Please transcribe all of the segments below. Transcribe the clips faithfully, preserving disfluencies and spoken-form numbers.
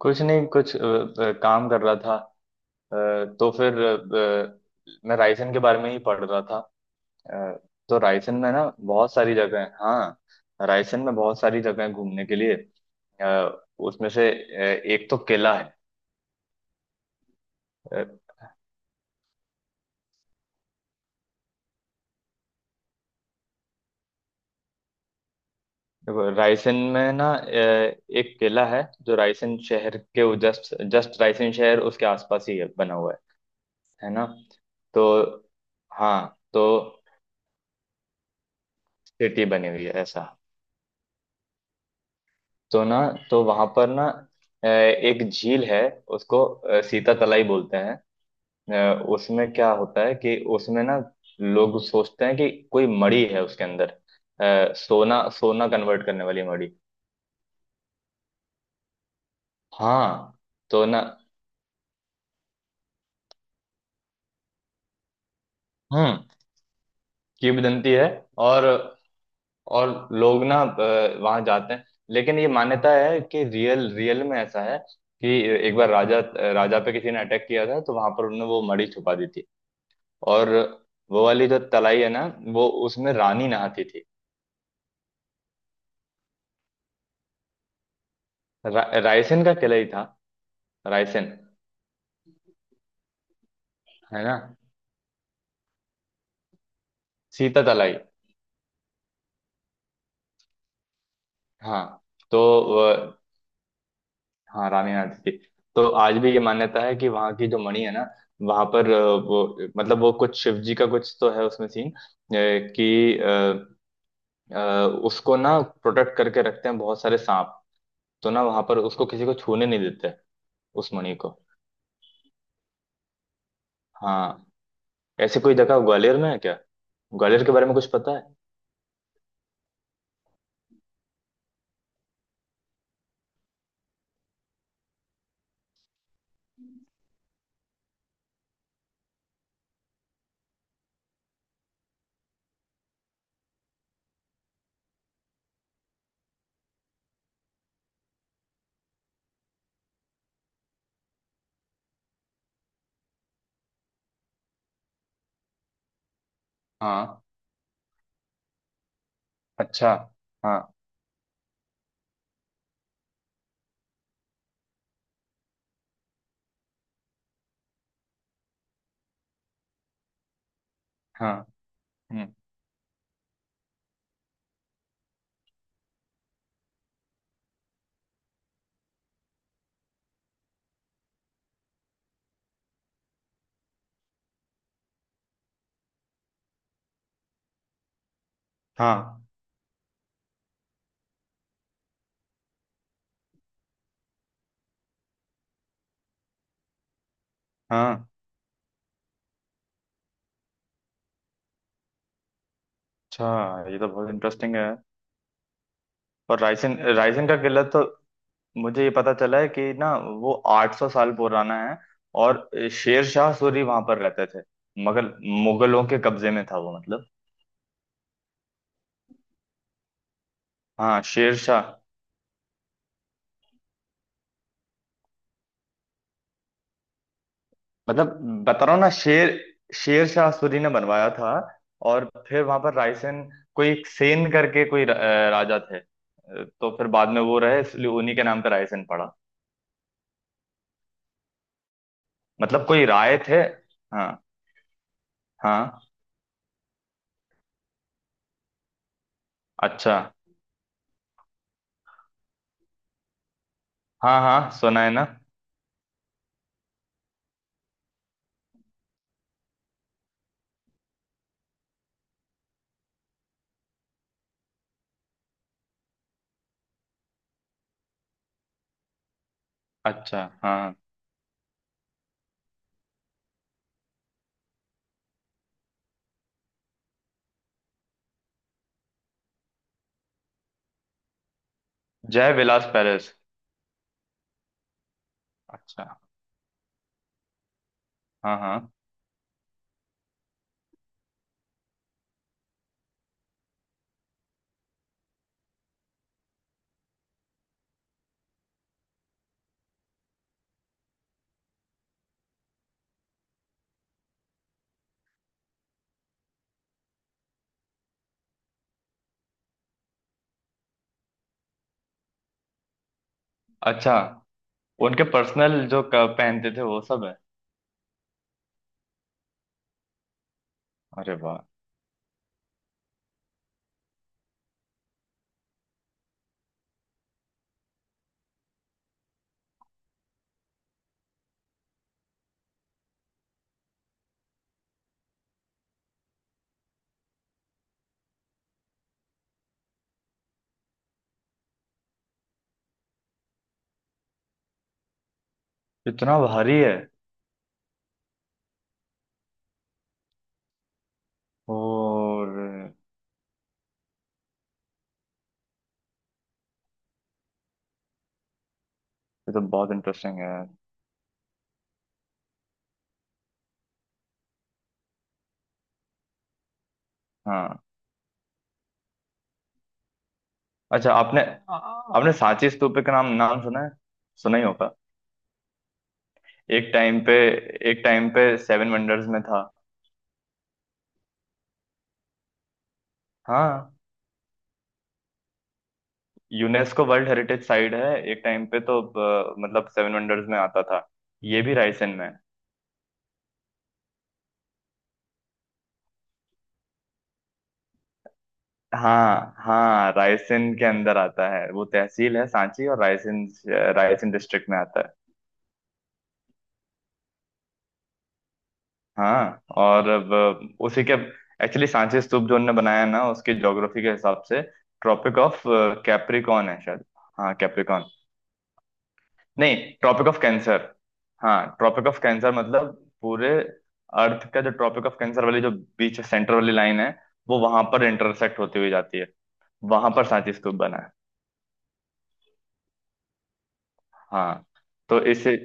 कुछ नहीं कुछ अ, अ, काम कर रहा था। अ, तो फिर अ, अ, मैं रायसेन के बारे में ही पढ़ रहा था। अ, तो रायसेन में ना बहुत सारी जगह है। हाँ, रायसेन में बहुत सारी जगह है घूमने के लिए। अ, उसमें से अ, एक तो किला है। अ, देखो, रायसेन में ना अ, एक किला है जो रायसेन शहर के जस्ट जस्ट रायसेन शहर उसके आसपास ही है, बना हुआ है है ना। तो हाँ, तो सिटी बनी हुई है ऐसा। तो ना, तो वहां पर ना अ, एक झील है। उसको अ, सीता तलाई बोलते हैं। अ, उसमें क्या होता है कि उसमें ना लोग सोचते हैं कि कोई मणि है उसके अंदर। अ, सोना सोना कन्वर्ट करने वाली मणि। हाँ, तो ना, हम्म, किंवदंती है। और और लोग ना वहां जाते हैं, लेकिन ये मान्यता है कि रियल रियल में ऐसा है कि एक बार राजा राजा पे किसी ने अटैक किया था, तो वहां पर उन्होंने वो मणि छुपा दी थी। और वो वाली जो तलाई है ना, वो उसमें रानी नहाती थी। रा, रायसेन का किला ही था, रायसेन। है ना। सीता तलाई। हाँ, तो अ, हाँ, रानी नहाती थी। तो आज भी ये मान्यता है कि वहाँ की जो मणि है ना, वहां पर अ, वो मतलब वो कुछ शिव जी का कुछ तो है उसमें सीन, अ, कि अ, अ, उसको ना प्रोटेक्ट करके रखते हैं बहुत सारे सांप। तो ना, वहां पर उसको किसी को छूने नहीं देते, उस मणि को। हाँ। ऐसी कोई जगह ग्वालियर में है क्या? ग्वालियर के बारे में कुछ पता है? हाँ। अच्छा, हाँ हाँ, हम्म, हाँ हाँ, अच्छा, ये तो बहुत इंटरेस्टिंग है। और रायसेन रायसेन का किला तो, मुझे ये पता चला है कि ना, वो आठ सौ साल पुराना है। और शेर शाह सूरी वहां पर रहते थे, मगर मुगलों के कब्जे में था वो, मतलब। हाँ, शेर शाह। मतलब बता रहा हूँ ना शेर शेर शाह सूरी ने बनवाया था। और फिर वहां पर रायसेन कोई एक सेन करके कोई र- अ, राजा थे। अ, तो फिर बाद में वो रहे, इसलिए उन्हीं के नाम पे रायसेन पड़ा। मतलब कोई रायत है। हाँ हाँ। अच्छा, हाँ हाँ, सुना है ना। अच्छा, हाँ हाँ। जय विलास पैलेस। अच्छा, हाँ हाँ। अच्छा, उनके पर्सनल जो क- पहनते थे वो सब है। अरे वाह, इतना भारी है? और ये तो बहुत इंटरेस्टिंग है। हाँ। अच्छा, आपने आपने सांची स्तूप के नाम नाम सुना है? सुना ही होगा। एक टाइम पे एक टाइम पे सेवन वंडर्स में था। हाँ। यूनेस्को वर्ल्ड हेरिटेज साइट है, एक टाइम पे तो अ, मतलब सेवन वंडर्स में आता था। ये भी रायसेन में है। हाँ हाँ, रायसेन के अंदर आता है। वो तहसील है सांची और रायसेन। रायसेन डिस्ट्रिक्ट में आता है। हाँ और अब उसी के, एक्चुअली सांची स्तूप जो उनने बनाया है ना, उसकी ज्योग्राफी के हिसाब से ट्रॉपिक ऑफ कैप्रिकॉन है शायद। हाँ, कैप्रिकॉन। नहीं, ट्रॉपिक ऑफ कैंसर। हाँ, ट्रॉपिक ऑफ कैंसर, मतलब पूरे अर्थ का जो ट्रॉपिक ऑफ कैंसर वाली जो बीच सेंटर वाली लाइन है, वो वहां पर इंटरसेक्ट होती हुई जाती है। वहां पर सांची स्तूप बना है। हाँ, तो इसे।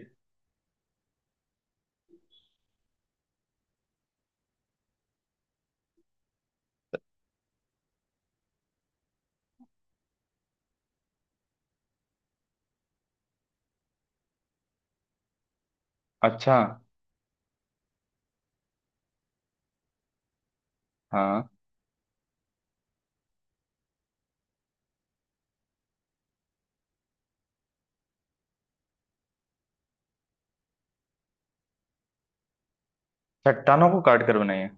अच्छा। हाँ, चट्टानों को काट कर बनाई है।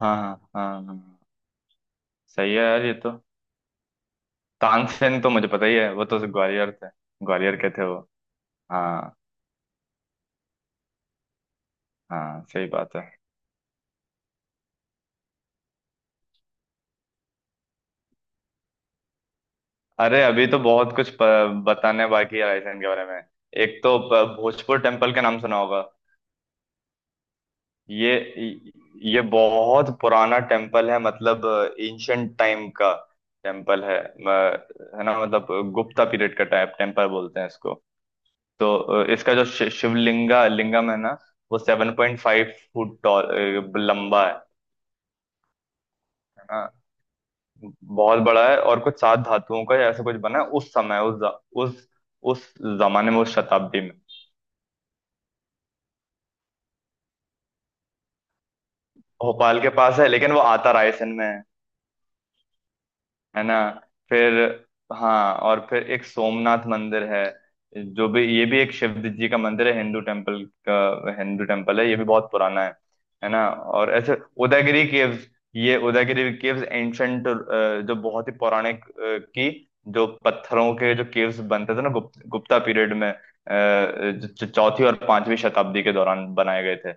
हाँ हाँ हाँ हाँ, सही है यार ये तो। तानसेन तो मुझे पता ही है, वो तो ग्वालियर थे, ग्वालियर के थे वो। हाँ हाँ सही बात है। अरे, अभी तो बहुत कुछ प- बताने बाकी है रायसेन के बारे में। एक तो प- भोजपुर टेम्पल का नाम सुना होगा। ये ये बहुत पुराना टेम्पल है, मतलब एंशंट टाइम का टेम्पल है, म- है ना, मतलब गुप्ता पीरियड का टाइप टेम्पल बोलते हैं इसको। तो अ, इसका जो शि- शिवलिंगा लिंगम है ना, वो seven point five foot tall लंबा है है ना, बहुत बड़ा है। और कुछ सात धातुओं का ऐसा कुछ बना है उस समय, उस ज- उस उस जमाने में, उस शताब्दी में। भोपाल के पास है, लेकिन वो आता रायसेन में है है ना। फिर हाँ, और फिर एक सोमनाथ मंदिर है, जो भी ये भी एक शिव जी का मंदिर है, हिंदू टेम्पल का, हिंदू टेम्पल है, ये भी बहुत पुराना है है ना। और ऐसे उदयगिरी केव्स, ये उदयगिरी केव्स एंशंट, जो बहुत ही पौराणिक अ, की, जो पत्थरों के जो केव्स बनते थे ना गुप्त, गुप्ता पीरियड में, अ, जो जो चौथी और पांचवी शताब्दी के दौरान बनाए गए थे,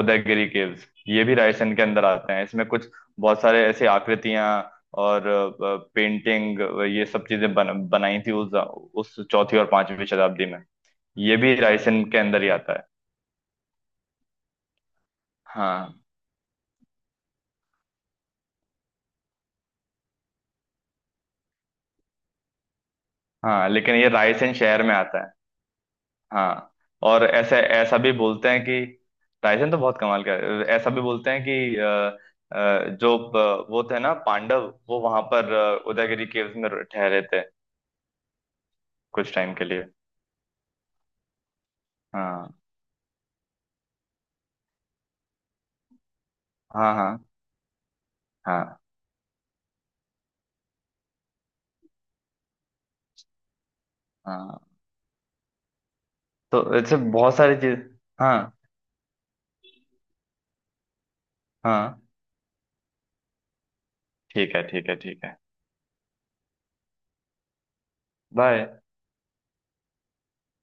उदयगिरी केव्स ये भी रायसेन के अंदर आते हैं। इसमें कुछ बहुत सारे ऐसी आकृतियां और अ, पेंटिंग, ये सब चीजें बन, बनाई थी उस उस चौथी और पांचवी शताब्दी में। ये भी रायसेन के अंदर ही आता है। हाँ हाँ, लेकिन ये रायसेन शहर में आता है। हाँ, और ऐसे ऐसा भी बोलते हैं कि रायसेन तो बहुत कमाल का है। ऐसा भी बोलते हैं कि अ, अ, जो प- वो थे ना पांडव, वो वहां पर अ, उदयगिरी केव्स में ठहरे थे कुछ टाइम के लिए। हाँ हाँ हाँ हाँ हाँ, तो ऐसे बहुत सारी चीज। हाँ हाँ। ठीक है, ठीक है, ठीक है। vai।